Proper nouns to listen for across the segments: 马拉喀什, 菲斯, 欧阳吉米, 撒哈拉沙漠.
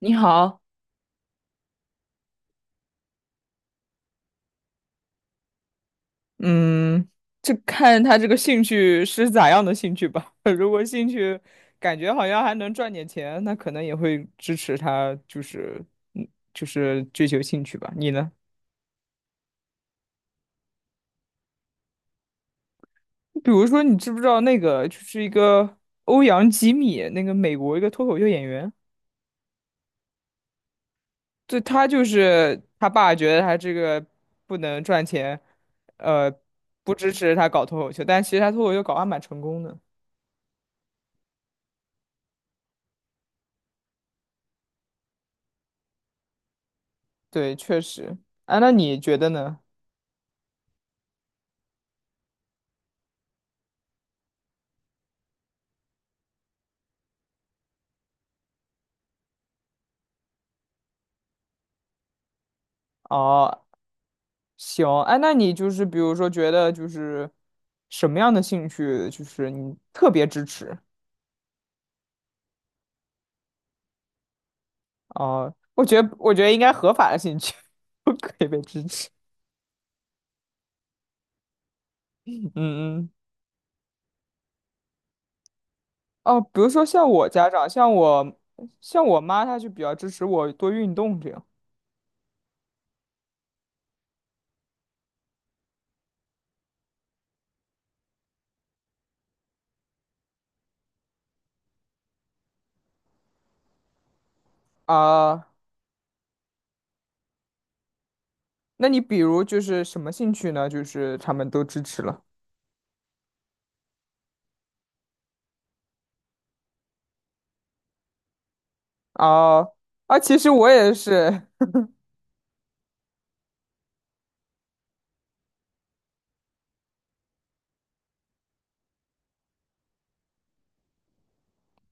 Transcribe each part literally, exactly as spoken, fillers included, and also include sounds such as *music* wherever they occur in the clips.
你好。嗯，这看他这个兴趣是咋样的兴趣吧，感觉好像还能赚点钱，那可能也会支持他，就是嗯，就是追求兴趣吧。你呢？比如说，你知不知道那个就是一个欧阳吉米，那个美国一个脱口秀演员。对，他就是他爸觉得他这个不能赚钱，呃，不支持他搞脱口秀，但其实他脱口秀搞得还蛮成功的。对，确实。啊，那你觉得呢？哦，行。哎，那你就是比如说觉得就是什么样的兴趣，就是你特别支持。啊？我觉得我觉得应该合法的兴趣 *laughs* 都可以被支持。嗯嗯。哦，比如说像我家长，像我像我妈，她就比较支持我多运动这样。啊。那你比如就是什么兴趣呢？就是他们都支持了。啊啊！其实我也是。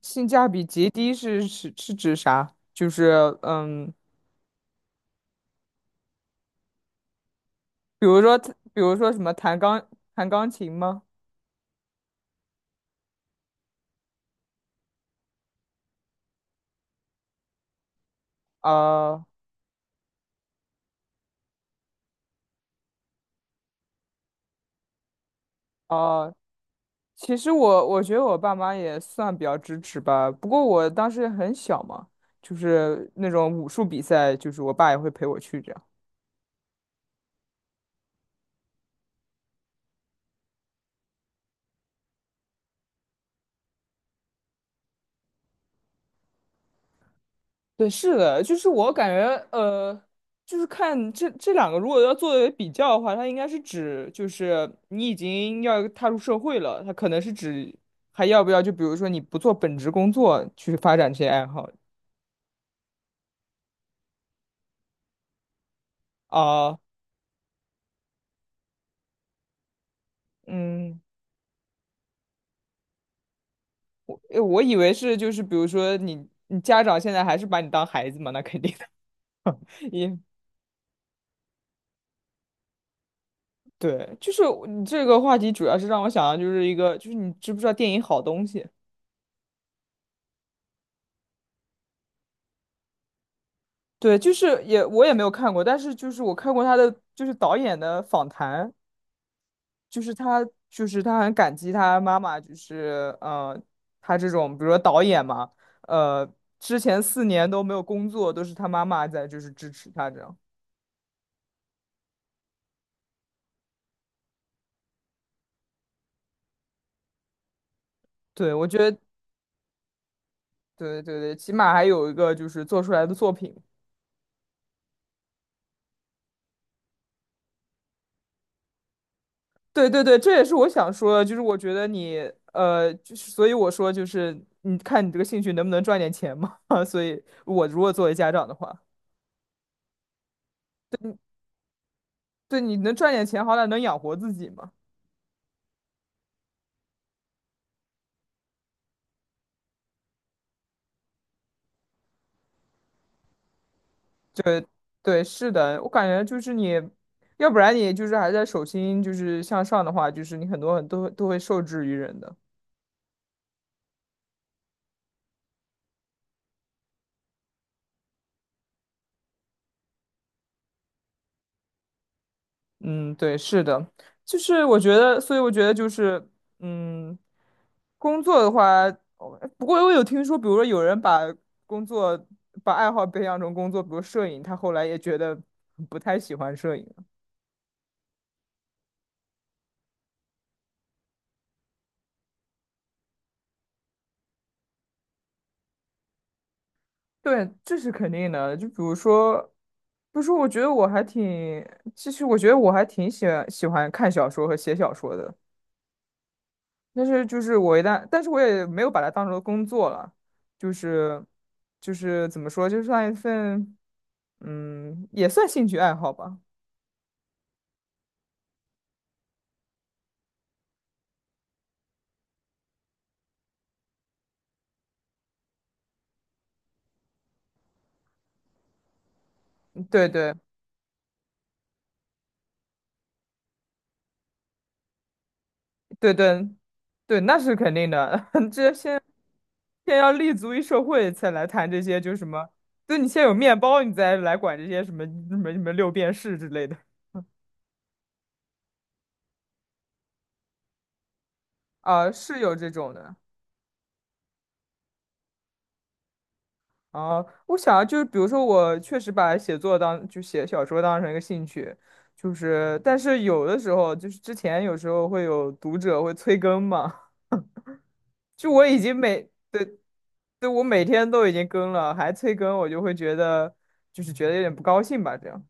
性价比极低是是是指啥？就是嗯。比如说，比如说什么弹钢弹钢琴吗？啊、啊、其实我我觉得我爸妈也算比较支持吧，不过我当时很小嘛，就是那种武术比赛，就是我爸也会陪我去这样。对，是的，就是我感觉呃，就是看这这两个如果要作为比较的话，它应该是指就是你已经要踏入社会了，它可能是指还要不要就比如说你不做本职工作去发展这些爱好。啊、嗯。诶，我以为是就是比如说你你家长现在还是把你当孩子嘛，那肯定的。*laughs* 也对，就是我你这个话题主要是让我想到就是一个，就是你知不知道电影好东西？对，就是也我也没有看过，但是就是我看过他的就是导演的访谈，就是他就是他很感激他妈妈，就是呃他这种比如说导演嘛，呃之前四年都没有工作，都是他妈妈在就是支持他这样。对，我觉得对对对，起码还有一个就是做出来的作品。对对对，这也是我想说的，就是我觉得你呃，就是所以我说就是你看你这个兴趣能不能赚点钱嘛？*laughs* 所以我如果作为家长的话，对你能赚点钱，好歹能养活自己嘛。对对，是的，我感觉就是你，要不然你就是还在手心就是向上的话，就是你很多很多都会受制于人的。嗯，对，是的，就是我觉得，所以我觉得就是。嗯，工作的话，哦不过我有听说，比如说有人把工作把爱好培养成工作，比如摄影，他后来也觉得不太喜欢摄影了。对，这是肯定的。就比如说，不是，我觉得我还挺，其实我觉得我还挺喜欢喜欢看小说和写小说的。但是就是我一旦，但是我也没有把它当成工作了，就是就是怎么说，就算一份，嗯，也算兴趣爱好吧。嗯，对对对对对，那是肯定的。*laughs* 这先先要立足于社会，才来谈这些，就是什么。对，你先有面包，你再来管这些什么什么什么六便士之类的。 *laughs* 啊，是有这种的。啊，我想啊就是比如说，我确实把写作当就写小说当成一个兴趣，就是但是有的时候就是之前有时候会有读者会催更嘛，就我已经每对。对，我每天都已经更了，还催更，我就会觉得就是觉得有点不高兴吧，这样。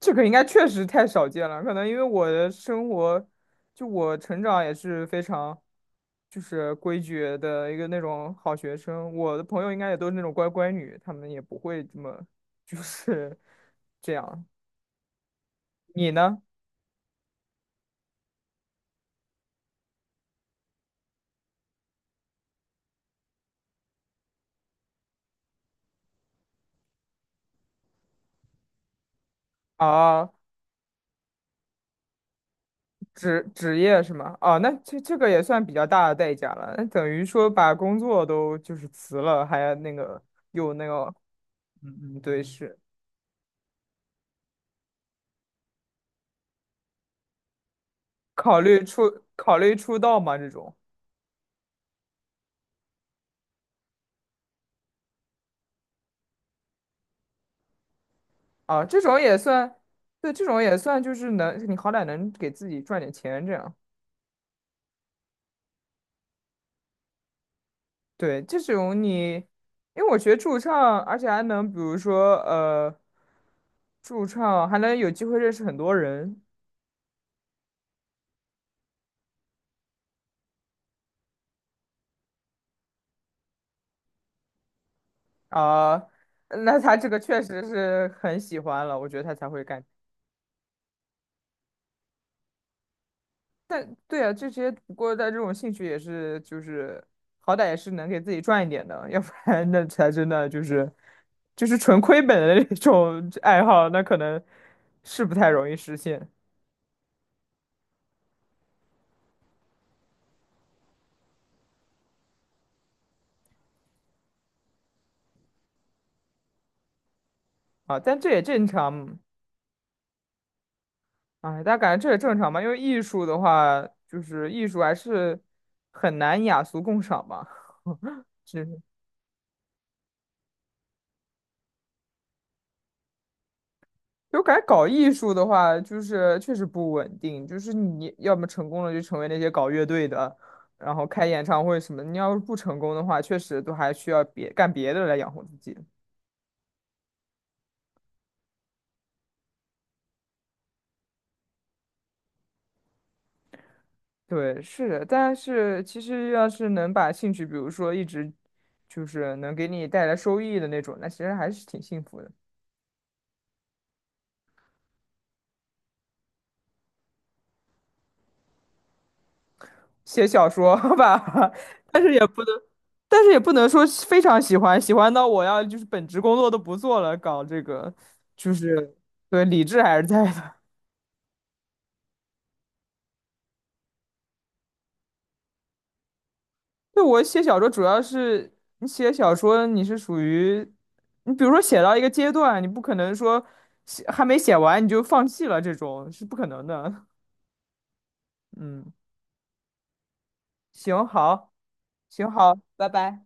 这个应该确实太少见了，可能因为我的生活，就我成长也是非常，就是规矩的一个那种好学生。我的朋友应该也都是那种乖乖女，他们也不会这么，就是这样。你呢？啊，职职业是吗？啊，那这这个也算比较大的代价了，那等于说把工作都就是辞了，还要那个又那个。嗯嗯，对，是考虑出考虑出道嘛这种。啊，这种也算，对，这种也算，就是能，你好歹能给自己赚点钱，这样。对，这种你，因为我学驻唱，而且还能，比如说，呃，驻唱还能有机会认识很多人。啊，那他这个确实是很喜欢了，我觉得他才会干。但对啊，这些不过在这种兴趣也是就是好歹也是能给自己赚一点的，要不然那才真的就是就是纯亏本的那种爱好，那可能是不太容易实现。啊。但这也正常，哎，家感觉这也正常吧，因为艺术的话，就是艺术还是很难雅俗共赏吧。*laughs* 是。就感觉搞艺术的话，就是确实不稳定，就是你要么成功了就成为那些搞乐队的，然后开演唱会什么的你要是不成功的话，确实都还需要别干别的来养活自己。对，是的，但是其实要是能把兴趣，比如说一直就是能给你带来收益的那种，那其实还是挺幸福的。写小说吧。*laughs* 但是也不能，但是也不能说是非常喜欢，喜欢到我要就是本职工作都不做了，搞这个，就是对理智还是在的。对我写小说主要是你写小说，你是属于你比如说写到一个阶段，你不可能说写还没写完你就放弃了，这种是不可能的。嗯，行，好，行，好，拜拜。